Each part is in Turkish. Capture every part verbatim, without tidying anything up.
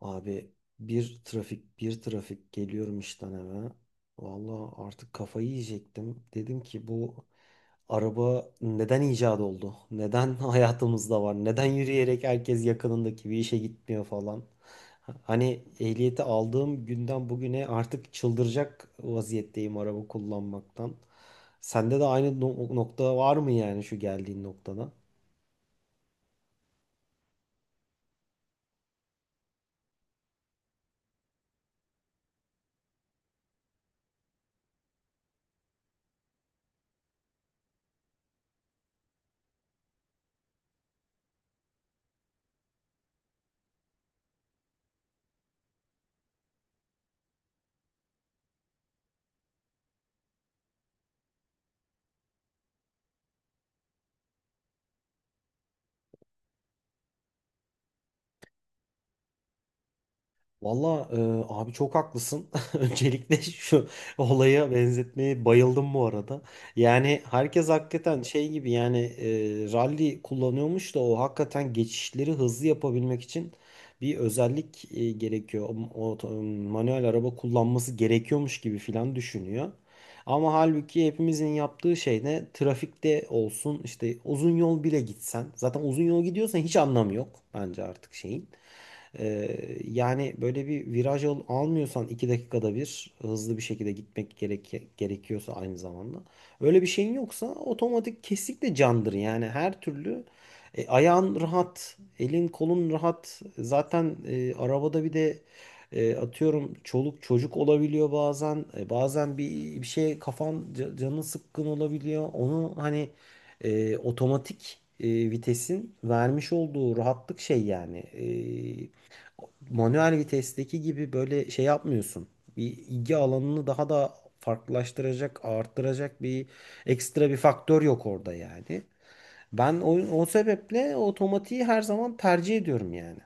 Abi, bir trafik bir trafik geliyorum işten eve. Vallahi artık kafayı yiyecektim. Dedim ki bu araba neden icat oldu? Neden hayatımızda var? Neden yürüyerek herkes yakınındaki bir işe gitmiyor falan? Hani ehliyeti aldığım günden bugüne artık çıldıracak vaziyetteyim araba kullanmaktan. Sende de aynı no- nokta var mı yani şu geldiğin noktada? Valla e, abi çok haklısın. Öncelikle şu olaya benzetmeye bayıldım bu arada. Yani herkes hakikaten şey gibi yani e, rally kullanıyormuş da o hakikaten geçişleri hızlı yapabilmek için bir özellik e, gerekiyor. O, o- Manuel araba kullanması gerekiyormuş gibi filan düşünüyor. Ama halbuki hepimizin yaptığı şey ne? Trafikte olsun işte uzun yol bile gitsen. Zaten uzun yol gidiyorsan hiç anlamı yok bence artık şeyin. Ee, yani böyle bir viraj al- almıyorsan iki dakikada bir hızlı bir şekilde gitmek gerek gerekiyorsa aynı zamanda. Öyle bir şeyin yoksa otomatik kesinlikle candır. Yani her türlü e, ayağın rahat, elin kolun rahat. Zaten e, arabada bir de e, atıyorum çoluk çocuk olabiliyor bazen. E, bazen bir bir şey kafan ca- canın sıkkın olabiliyor. Onu hani e, otomatik e, vitesin vermiş olduğu rahatlık şey yani. E, manuel vitesteki gibi böyle şey yapmıyorsun. Bir ilgi alanını daha da farklılaştıracak, arttıracak bir ekstra bir faktör yok orada yani. Ben o, o sebeple otomatiği her zaman tercih ediyorum yani.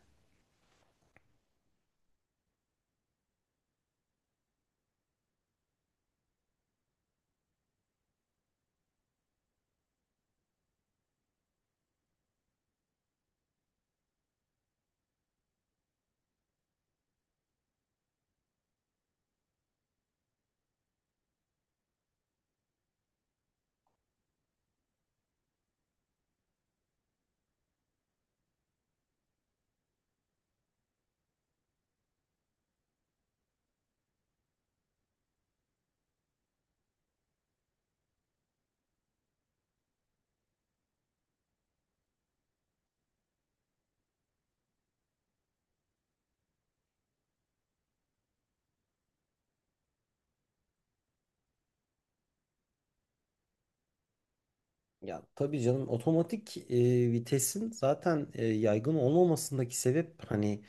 Ya tabii canım, otomatik e, vitesin zaten e, yaygın olmamasındaki sebep hani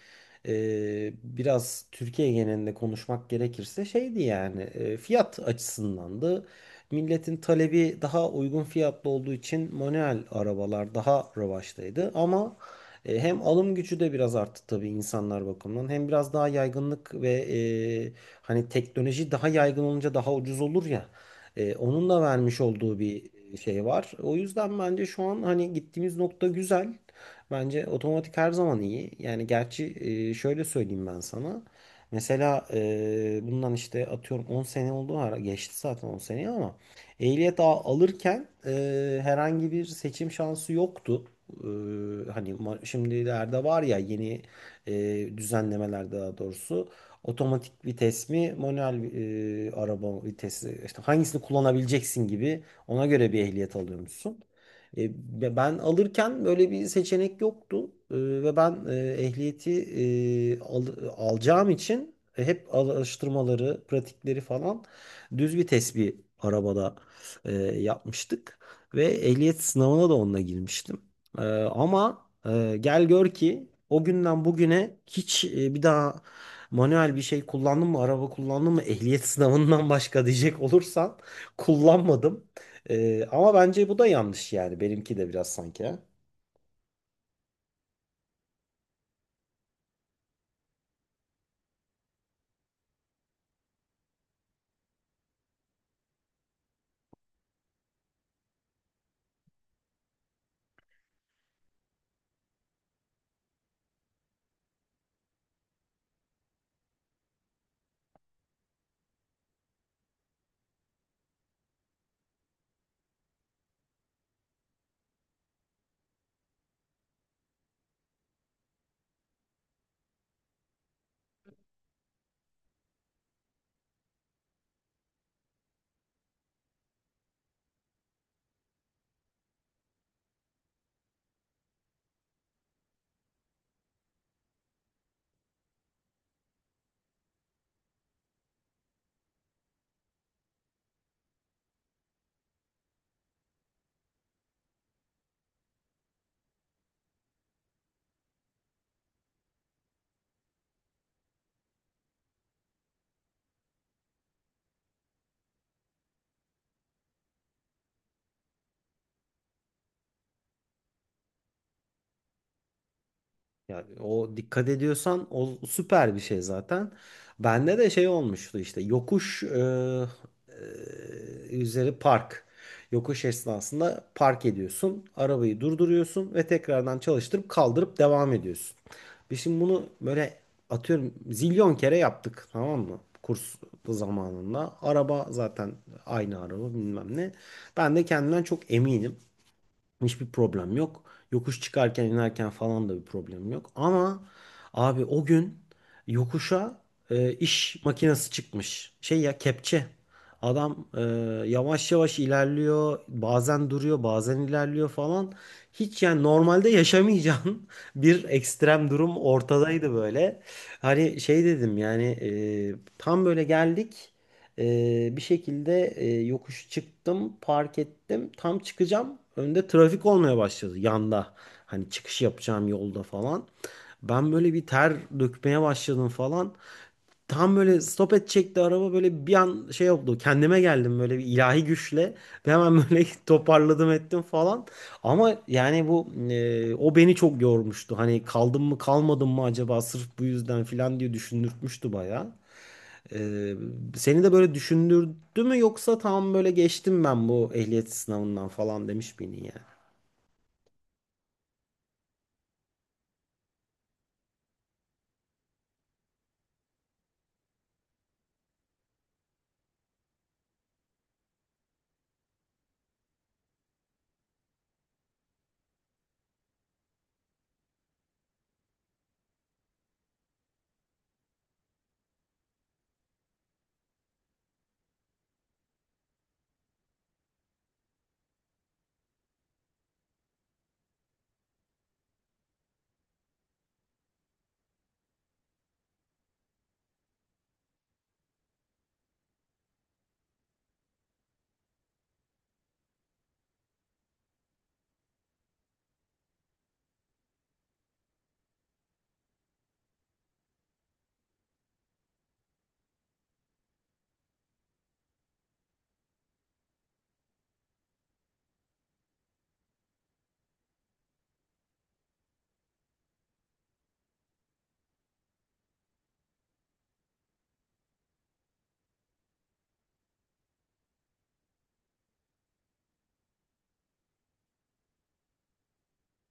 e, biraz Türkiye genelinde konuşmak gerekirse şeydi yani e, fiyat açısındandı. Milletin talebi daha uygun fiyatlı olduğu için manuel arabalar daha revaçtaydı ama e, hem alım gücü de biraz arttı tabii insanlar bakımından hem biraz daha yaygınlık ve e, hani teknoloji daha yaygın olunca daha ucuz olur ya. Ee, onun da vermiş olduğu bir şey var. O yüzden bence şu an hani gittiğimiz nokta güzel. Bence otomatik her zaman iyi. Yani gerçi e, şöyle söyleyeyim ben sana. Mesela e, bundan işte atıyorum on sene oldu, ara geçti zaten on seneyi ama ehliyet a- alırken e, herhangi bir seçim şansı yoktu. E, hani ma- şimdilerde var ya yeni e, düzenlemeler, daha doğrusu otomatik vites mi, manuel e, araba vitesi, işte hangisini kullanabileceksin gibi ona göre bir ehliyet alıyormuşsun. E, Ve ben alırken böyle bir seçenek yoktu. E, ve ben e, ehliyeti e, al- alacağım için e, hep araştırmaları, pratikleri falan düz vites bir arabada e, yapmıştık ve ehliyet sınavına da onunla girmiştim. E, ama e, gel gör ki o günden bugüne hiç e, bir daha manuel bir şey kullandın mı? Araba kullandın mı? Ehliyet sınavından başka diyecek olursan, kullanmadım. Ee, ama bence bu da yanlış yani. Benimki de biraz sanki. Ha? Yani o, dikkat ediyorsan o süper bir şey zaten. Bende de şey olmuştu, işte yokuş e, e, üzeri park. Yokuş esnasında park ediyorsun. Arabayı durduruyorsun ve tekrardan çalıştırıp kaldırıp devam ediyorsun. Biz şimdi bunu böyle atıyorum zilyon kere yaptık, tamam mı? Kurs zamanında. Araba zaten aynı araba bilmem ne. Ben de kendimden çok eminim. Hiçbir problem yok. Yokuş çıkarken inerken falan da bir problem yok. Ama abi, o gün yokuşa e, iş makinesi çıkmış. Şey ya, kepçe. Adam e, yavaş yavaş ilerliyor. Bazen duruyor, bazen ilerliyor falan. Hiç yani normalde yaşamayacağın bir ekstrem durum ortadaydı böyle. Hani şey dedim yani e, tam böyle geldik. Ee, bir şekilde e, yokuş çıktım, park ettim. Tam çıkacağım. Önde trafik olmaya başladı, yanda. Hani çıkış yapacağım yolda falan. Ben böyle bir ter dökmeye başladım falan. Tam böyle stop edecekti araba, böyle bir an şey oldu. Kendime geldim böyle bir ilahi güçle. Ve hemen böyle toparladım ettim falan. Ama yani bu e, o beni çok yormuştu. Hani kaldım mı kalmadım mı acaba sırf bu yüzden falan diye düşündürtmüştü bayağı. Ee, Seni de böyle düşündürdü mü, yoksa tam böyle geçtim ben bu ehliyet sınavından falan demiş miydin yani?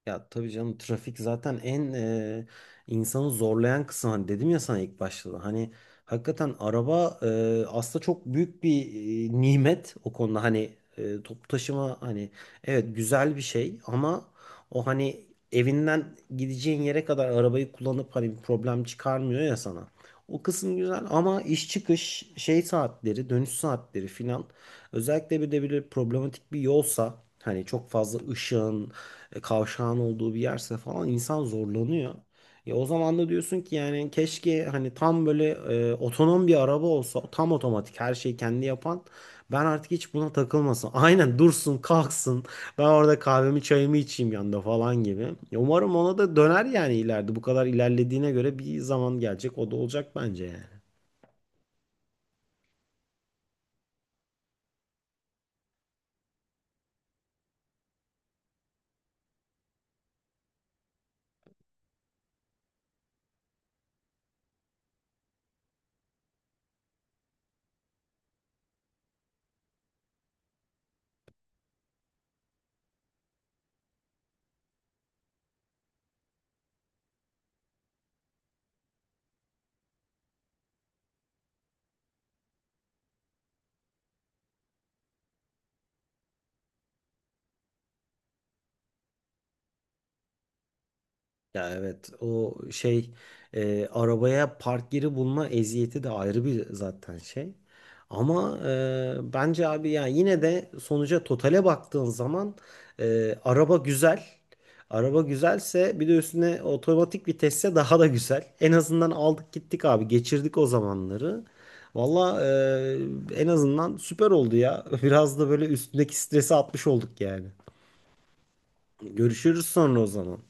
Ya tabii canım, trafik zaten en e, insanı zorlayan kısım. Hani dedim ya sana ilk başta da. Hani hakikaten araba e, aslında çok büyük bir e, nimet o konuda. Hani e, toplu taşıma hani evet güzel bir şey ama o hani evinden gideceğin yere kadar arabayı kullanıp hani bir problem çıkarmıyor ya sana. O kısım güzel ama iş çıkış şey saatleri, dönüş saatleri filan, özellikle bir de böyle problematik bir yolsa, hani çok fazla ışığın e, kavşağın olduğu bir yerse falan insan zorlanıyor. Ya o zaman da diyorsun ki yani keşke hani tam böyle e, otonom bir araba olsa, tam otomatik her şeyi kendi yapan, ben artık hiç buna takılmasın. Aynen dursun kalksın, ben orada kahvemi çayımı içeyim yanında falan gibi. Ya umarım ona da döner yani ileride, bu kadar ilerlediğine göre bir zaman gelecek o da olacak bence yani. Ya evet, o şey e, arabaya park yeri bulma eziyeti de ayrı bir zaten şey. Ama e, bence abi ya, yine de sonuca, totale baktığın zaman e, araba güzel. Araba güzelse bir de üstüne otomatik vitesse daha da güzel. En azından aldık gittik abi, geçirdik o zamanları. Valla e, en azından süper oldu ya. Biraz da böyle üstündeki stresi atmış olduk yani. Görüşürüz sonra o zaman.